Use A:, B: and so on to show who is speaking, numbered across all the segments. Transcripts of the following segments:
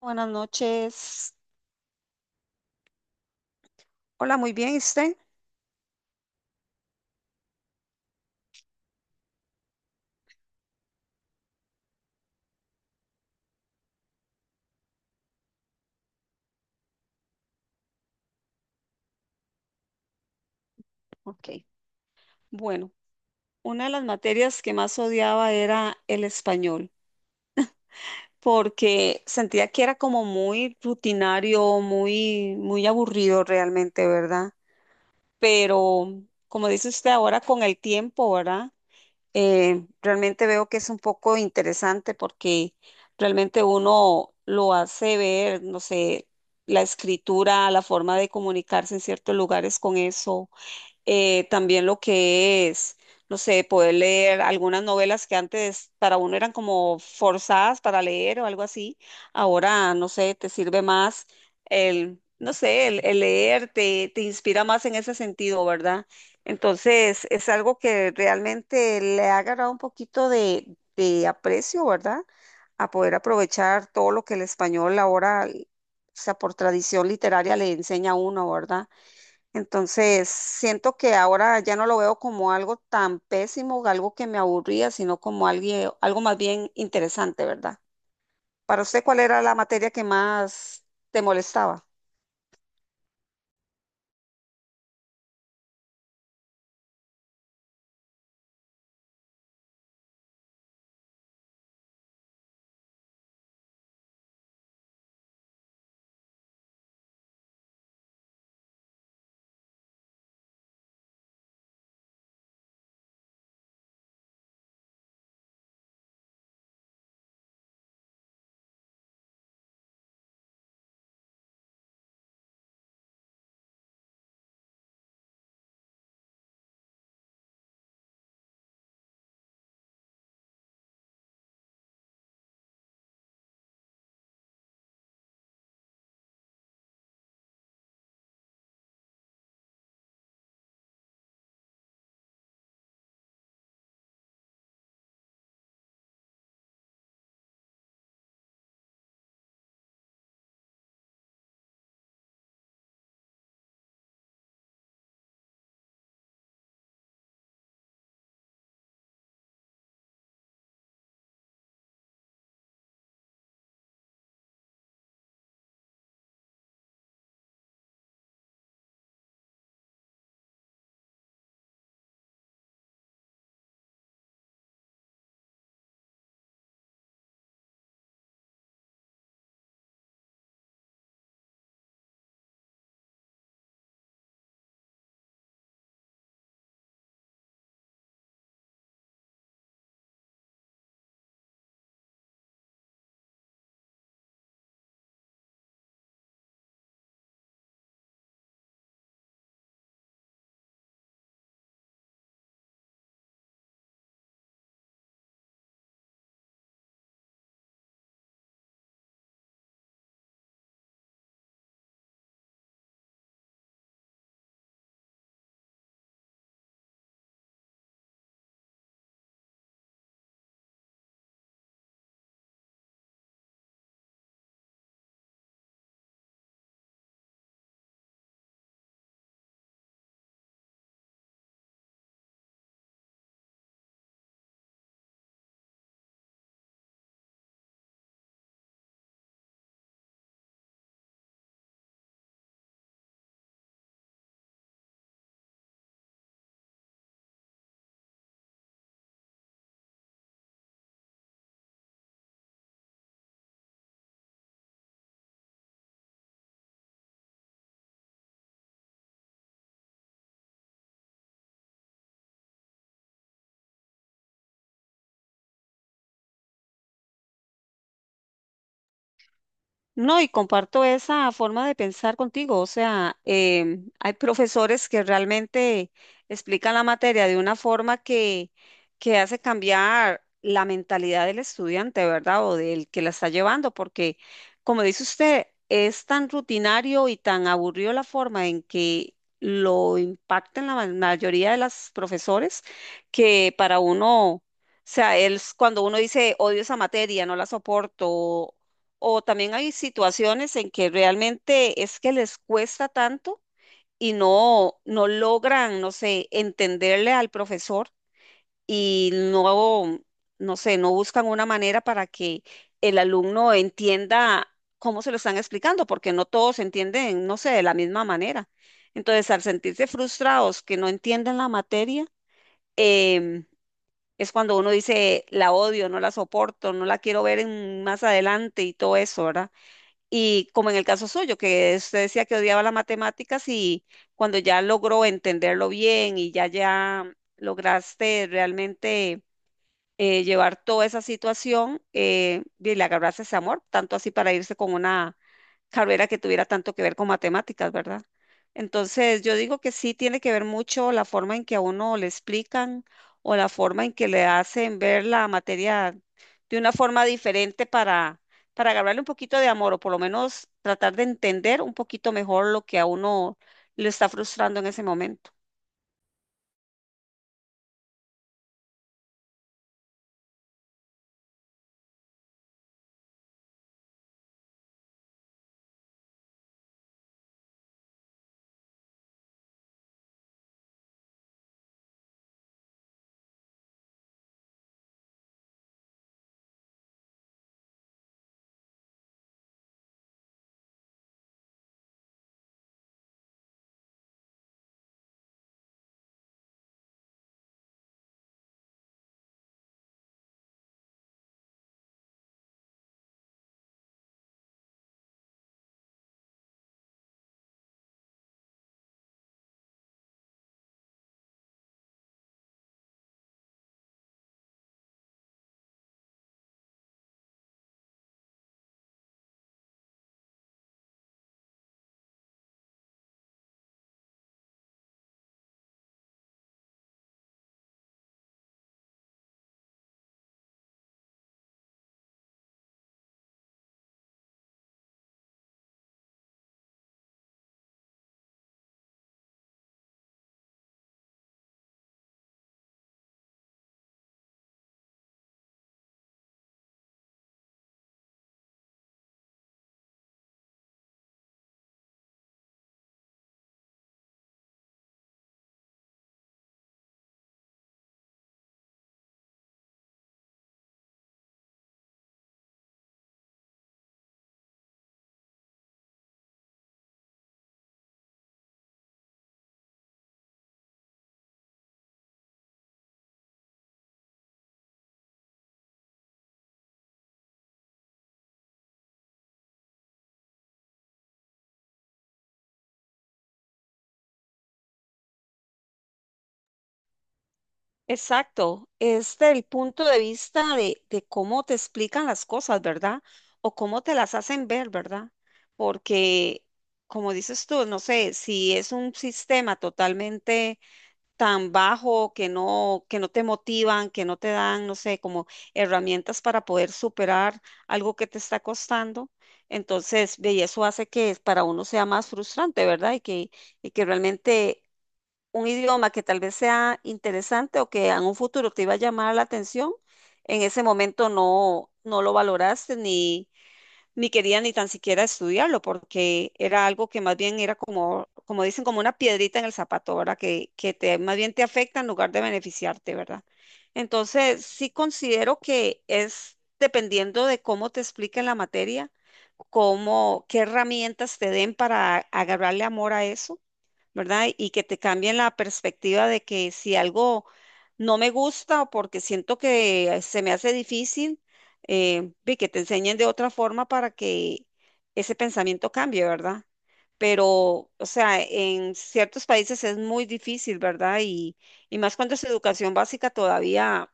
A: Buenas noches. Hola, muy bien, ¿y usted? Ok. Bueno, una de las materias que más odiaba era el español, porque sentía que era como muy rutinario, muy aburrido realmente, ¿verdad? Pero como dice usted ahora con el tiempo, ¿verdad? Realmente veo que es un poco interesante porque realmente uno lo hace ver, no sé, la escritura, la forma de comunicarse en ciertos lugares con eso también lo que es, no sé, poder leer algunas novelas que antes para uno eran como forzadas para leer o algo así, ahora, no sé, te sirve más el, no sé, el leer te inspira más en ese sentido, ¿verdad? Entonces, es algo que realmente le ha agarrado un poquito de aprecio, ¿verdad? A poder aprovechar todo lo que el español ahora, o sea, por tradición literaria le enseña a uno, ¿verdad? Entonces, siento que ahora ya no lo veo como algo tan pésimo, algo que me aburría, sino como alguien, algo más bien interesante, ¿verdad? Para usted, ¿cuál era la materia que más te molestaba? No, y comparto esa forma de pensar contigo. O sea, hay profesores que realmente explican la materia de una forma que hace cambiar la mentalidad del estudiante, ¿verdad? O del que la está llevando, porque como dice usted, es tan rutinario y tan aburrido la forma en que lo impactan mayoría de los profesores que para uno... O sea, es cuando uno dice odio esa materia, no la soporto, o también hay situaciones en que realmente es que les cuesta tanto y no, no logran, no sé, entenderle al profesor y no, no sé, no buscan una manera para que el alumno entienda cómo se lo están explicando, porque no todos entienden, no sé, de la misma manera. Entonces, al sentirse frustrados que no entienden la materia, em, es cuando uno dice, la odio, no la soporto, no la quiero más adelante y todo eso, ¿verdad? Y como en el caso suyo, que usted decía que odiaba las matemáticas y cuando ya logró entenderlo bien y ya lograste realmente llevar toda esa situación y le agarrarse ese amor, tanto así para irse con una carrera que tuviera tanto que ver con matemáticas, ¿verdad? Entonces, yo digo que sí tiene que ver mucho la forma en que a uno le explican o la forma en que le hacen ver la materia de una forma diferente para agarrarle un poquito de amor o por lo menos tratar de entender un poquito mejor lo que a uno le está frustrando en ese momento. Exacto, es del punto de vista de cómo te explican las cosas, ¿verdad? O cómo te las hacen ver, ¿verdad? Porque, como dices tú, no sé, si es un sistema totalmente tan bajo que no te motivan, que no te dan, no sé, como herramientas para poder superar algo que te está costando, entonces, ve, y eso hace que para uno sea más frustrante, ¿verdad? Y que realmente un idioma que tal vez sea interesante o que en un futuro te iba a llamar la atención, en ese momento no, no lo valoraste ni, ni querías ni tan siquiera estudiarlo, porque era algo que más bien era como, como dicen, como una piedrita en el zapato, ¿verdad? Que te, más bien te afecta en lugar de beneficiarte, ¿verdad? Entonces, sí considero que es dependiendo de cómo te expliquen la materia, cómo, qué herramientas te den para agarrarle amor a eso, ¿verdad? Y que te cambien la perspectiva de que si algo no me gusta o porque siento que se me hace difícil, ve que te enseñen de otra forma para que ese pensamiento cambie, ¿verdad? Pero, o sea, en ciertos países es muy difícil, ¿verdad? Y más cuando es educación básica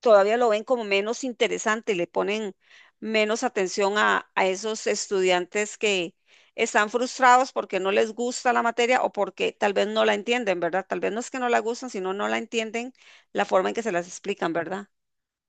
A: todavía lo ven como menos interesante, le ponen menos atención a esos estudiantes que están frustrados porque no les gusta la materia o porque tal vez no la entienden, ¿verdad? Tal vez no es que no la gustan, sino no la entienden la forma en que se las explican, ¿verdad?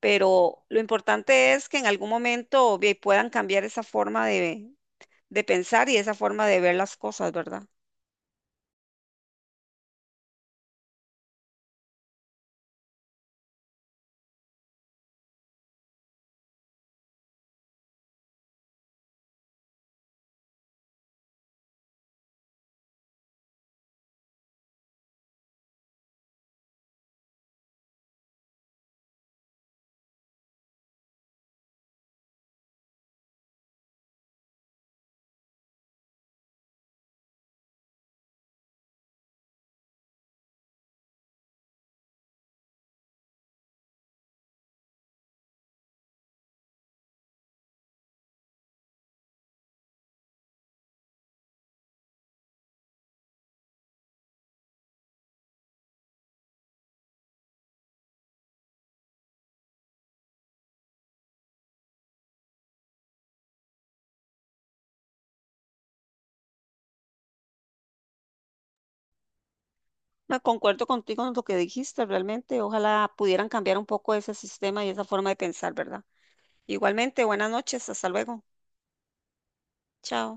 A: Pero lo importante es que en algún momento ve, puedan cambiar esa forma de pensar y esa forma de ver las cosas, ¿verdad? No, concuerdo contigo en lo que dijiste, realmente. Ojalá pudieran cambiar un poco ese sistema y esa forma de pensar, ¿verdad? Igualmente, buenas noches, hasta luego. Chao.